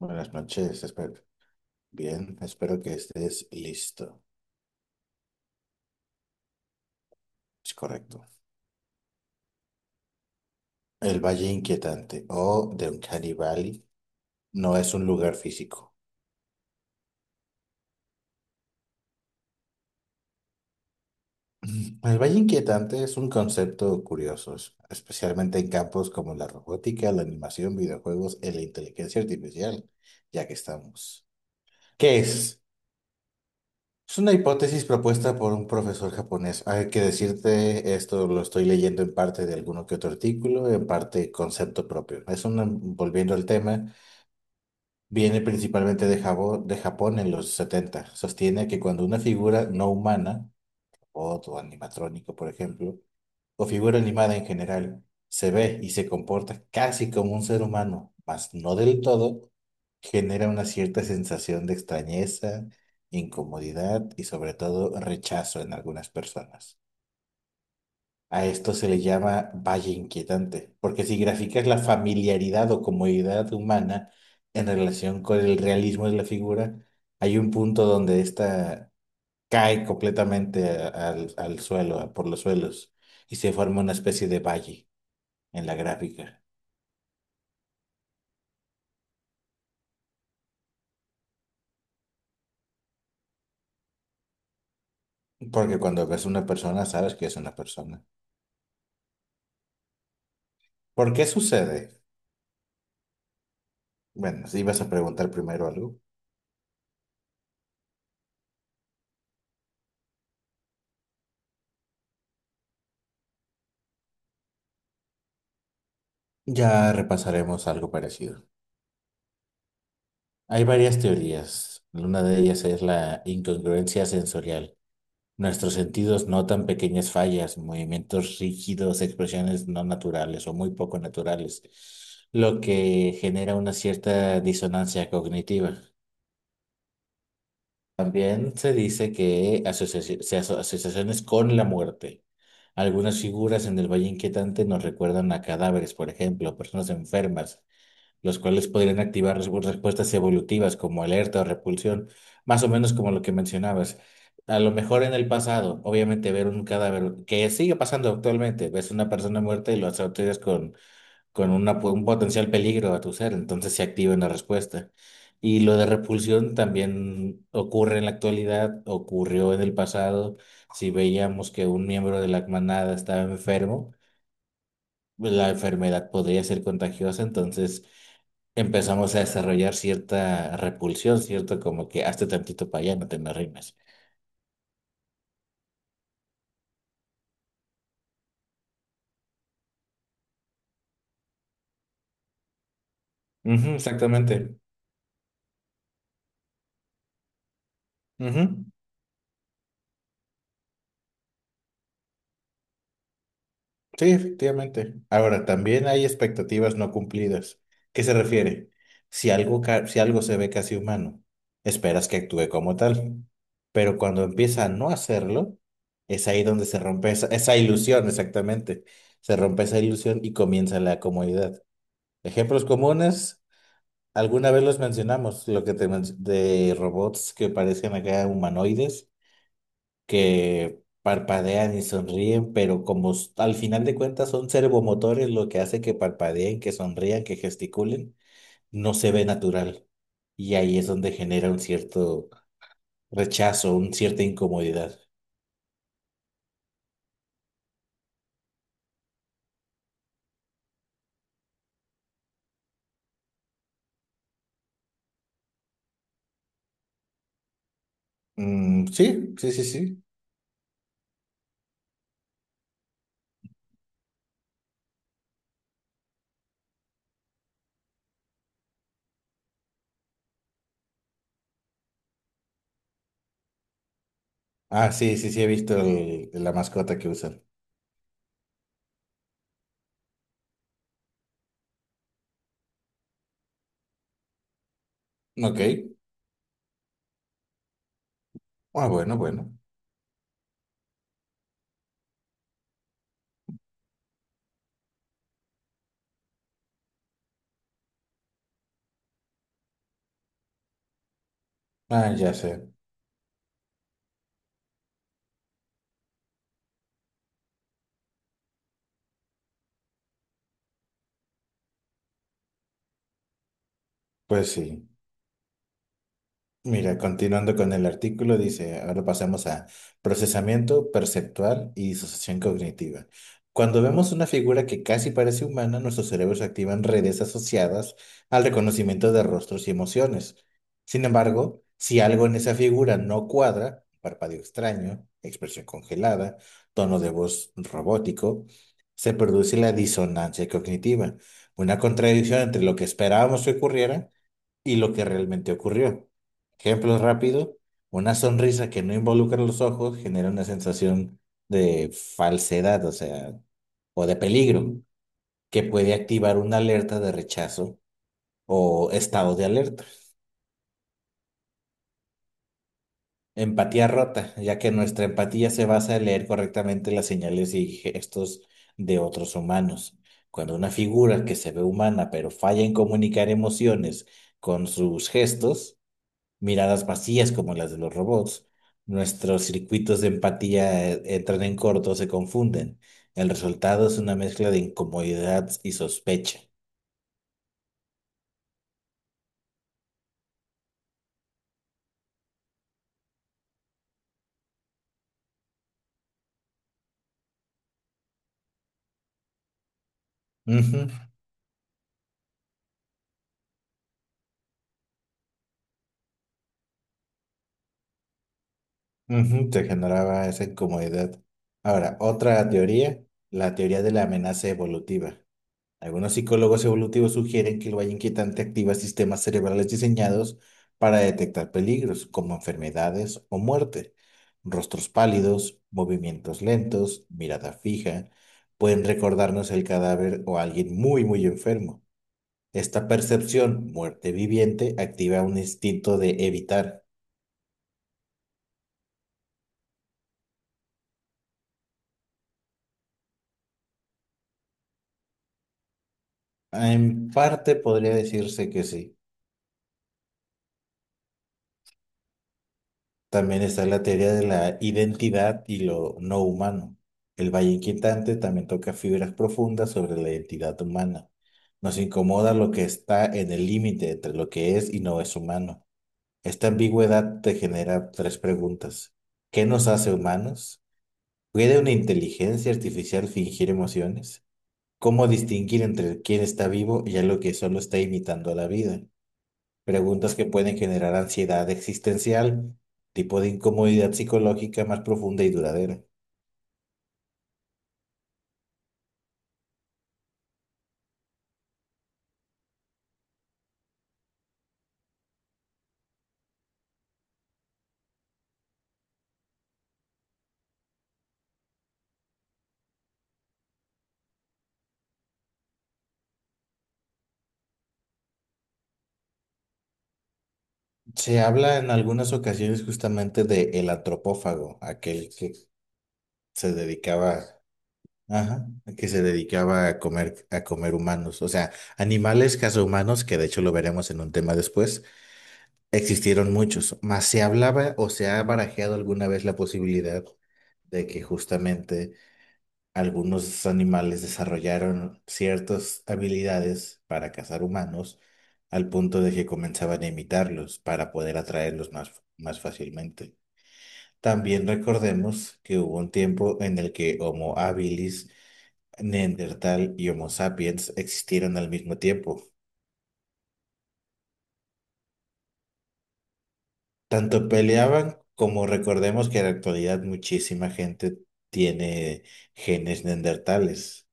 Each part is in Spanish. Buenas noches, espero. Bien, espero que estés listo. Es correcto. El Valle Inquietante o de Uncanny Valley no es un lugar físico. El Valle Inquietante es un concepto curioso, especialmente en campos como la robótica, la animación, videojuegos y la inteligencia artificial, ya que estamos. ¿Qué es? Es una hipótesis propuesta por un profesor japonés. Hay que decirte, esto lo estoy leyendo en parte de alguno que otro artículo, en parte concepto propio. Es una, volviendo al tema, viene principalmente de de Japón en los 70. Sostiene que cuando una figura no humana, robot o animatrónico, por ejemplo, o figura animada en general, se ve y se comporta casi como un ser humano, mas no del todo, genera una cierta sensación de extrañeza, incomodidad y sobre todo rechazo en algunas personas. A esto se le llama valle inquietante, porque si graficas la familiaridad o comodidad humana en relación con el realismo de la figura, hay un punto donde esta cae completamente al suelo, por los suelos, y se forma una especie de valle en la gráfica. Porque cuando ves una persona, sabes que es una persona. ¿Por qué sucede? Bueno, si vas a preguntar primero algo, ya repasaremos algo parecido. Hay varias teorías. Una de ellas es la incongruencia sensorial. Nuestros sentidos notan pequeñas fallas, movimientos rígidos, expresiones no naturales o muy poco naturales, lo que genera una cierta disonancia cognitiva. También se dice que asociaciones con la muerte. Algunas figuras en el Valle Inquietante nos recuerdan a cadáveres, por ejemplo, personas enfermas, los cuales podrían activar respuestas evolutivas como alerta o repulsión, más o menos como lo que mencionabas. A lo mejor en el pasado, obviamente ver un cadáver, que sigue pasando actualmente, ves una persona muerta y lo asocias con un potencial peligro a tu ser, entonces se activa una respuesta. Y lo de repulsión también ocurre en la actualidad, ocurrió en el pasado. Si veíamos que un miembro de la manada estaba enfermo, la enfermedad podría ser contagiosa, entonces empezamos a desarrollar cierta repulsión, ¿cierto? Como que hazte tantito para allá, no te me arrimes. Ujú, exactamente. Ujú. Sí, efectivamente. Ahora, también hay expectativas no cumplidas. ¿Qué se refiere? Si algo se ve casi humano, esperas que actúe como tal. Pero cuando empieza a no hacerlo, es ahí donde se rompe esa ilusión, exactamente. Se rompe esa ilusión y comienza la comodidad. Ejemplos comunes. Alguna vez los mencionamos, lo que te menc- de robots que parecen acá humanoides, que parpadean y sonríen, pero al final de cuentas son servomotores lo que hace que parpadeen, que sonrían, que gesticulen, no se ve natural. Y ahí es donde genera un cierto rechazo, una cierta incomodidad. Mm, sí, sí, sí, sí. Ah, sí, sí, sí, he visto la mascota que usan. Ok. Ah, bueno, bueno. Ah, ya sé. Pues sí. Mira, continuando con el artículo, dice, ahora pasamos a procesamiento perceptual y disociación cognitiva. Cuando vemos una figura que casi parece humana, nuestros cerebros activan redes asociadas al reconocimiento de rostros y emociones. Sin embargo, si algo en esa figura no cuadra, parpadeo extraño, expresión congelada, tono de voz robótico, se produce la disonancia cognitiva, una contradicción entre lo que esperábamos que ocurriera y lo que realmente ocurrió. Ejemplo rápido, una sonrisa que no involucra los ojos genera una sensación de falsedad, o sea, o de peligro, que puede activar una alerta de rechazo o estado de alerta. Empatía rota, ya que nuestra empatía se basa en leer correctamente las señales y gestos de otros humanos. Cuando una figura que se ve humana pero falla en comunicar emociones con sus gestos, miradas vacías como las de los robots. Nuestros circuitos de empatía entran en corto, se confunden. El resultado es una mezcla de incomodidad y sospecha. Ujú, ujú, te generaba esa incomodidad. Ahora, otra teoría, la teoría de la amenaza evolutiva. Algunos psicólogos evolutivos sugieren que el valle inquietante activa sistemas cerebrales diseñados para detectar peligros como enfermedades o muerte. Rostros pálidos, movimientos lentos, mirada fija, pueden recordarnos el cadáver o a alguien muy, muy enfermo. Esta percepción, muerte viviente, activa un instinto de evitar. En parte podría decirse que sí. También está la teoría de la identidad y lo no humano. El Valle Inquietante también toca fibras profundas sobre la identidad humana. Nos incomoda lo que está en el límite entre lo que es y no es humano. Esta ambigüedad te genera tres preguntas. ¿Qué nos hace humanos? ¿Puede una inteligencia artificial fingir emociones? ¿Cómo distinguir entre quién está vivo y algo que solo está imitando a la vida? Preguntas que pueden generar ansiedad existencial, tipo de incomodidad psicológica más profunda y duradera. Se habla en algunas ocasiones justamente de el antropófago, aquel que se dedicaba, ajá, que se dedicaba a comer humanos, o sea, animales humanos, que de hecho lo veremos en un tema después, existieron muchos, mas se hablaba o se ha barajeado alguna vez la posibilidad de que justamente algunos animales desarrollaron ciertas habilidades para cazar humanos al punto de que comenzaban a imitarlos para poder atraerlos más, más fácilmente. También recordemos que hubo un tiempo en el que Homo habilis, Neandertal y Homo sapiens existieron al mismo tiempo. Tanto peleaban como recordemos que en la actualidad muchísima gente tiene genes neandertales.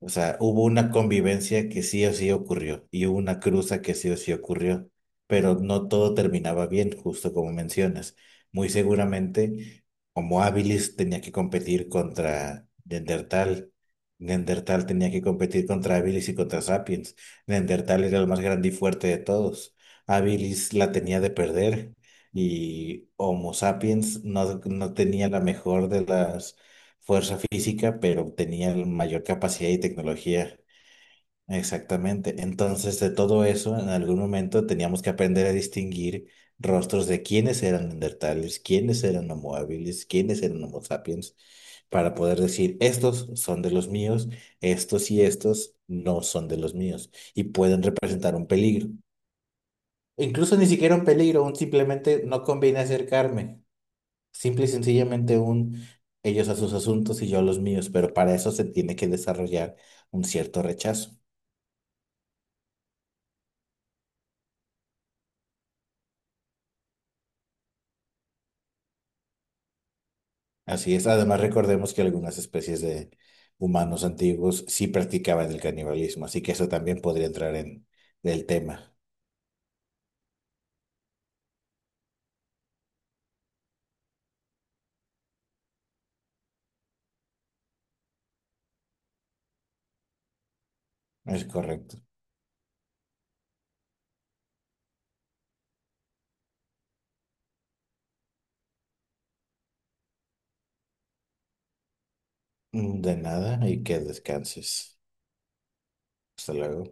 O sea, hubo una convivencia que sí o sí ocurrió y hubo una cruza que sí o sí ocurrió, pero no todo terminaba bien, justo como mencionas. Muy seguramente, como Habilis tenía que competir contra Neandertal, Neandertal tenía que competir contra Habilis y contra Sapiens. Neandertal era el más grande y fuerte de todos. Habilis la tenía de perder y Homo Sapiens no, no tenía la mejor de las fuerza física, pero tenía mayor capacidad y tecnología. Exactamente. Entonces, de todo eso, en algún momento teníamos que aprender a distinguir rostros de quiénes eran neandertales, quiénes eran homo habilis, quiénes eran homo sapiens, para poder decir, estos son de los míos, estos y estos no son de los míos, y pueden representar un peligro. Incluso ni siquiera un peligro, un simplemente no conviene acercarme. Simple y sencillamente un ellos a sus asuntos y yo a los míos, pero para eso se tiene que desarrollar un cierto rechazo. Así es. Además, recordemos que algunas especies de humanos antiguos sí practicaban el canibalismo, así que eso también podría entrar en el tema. Es correcto. Mm, de nada y que descanses. Hasta luego.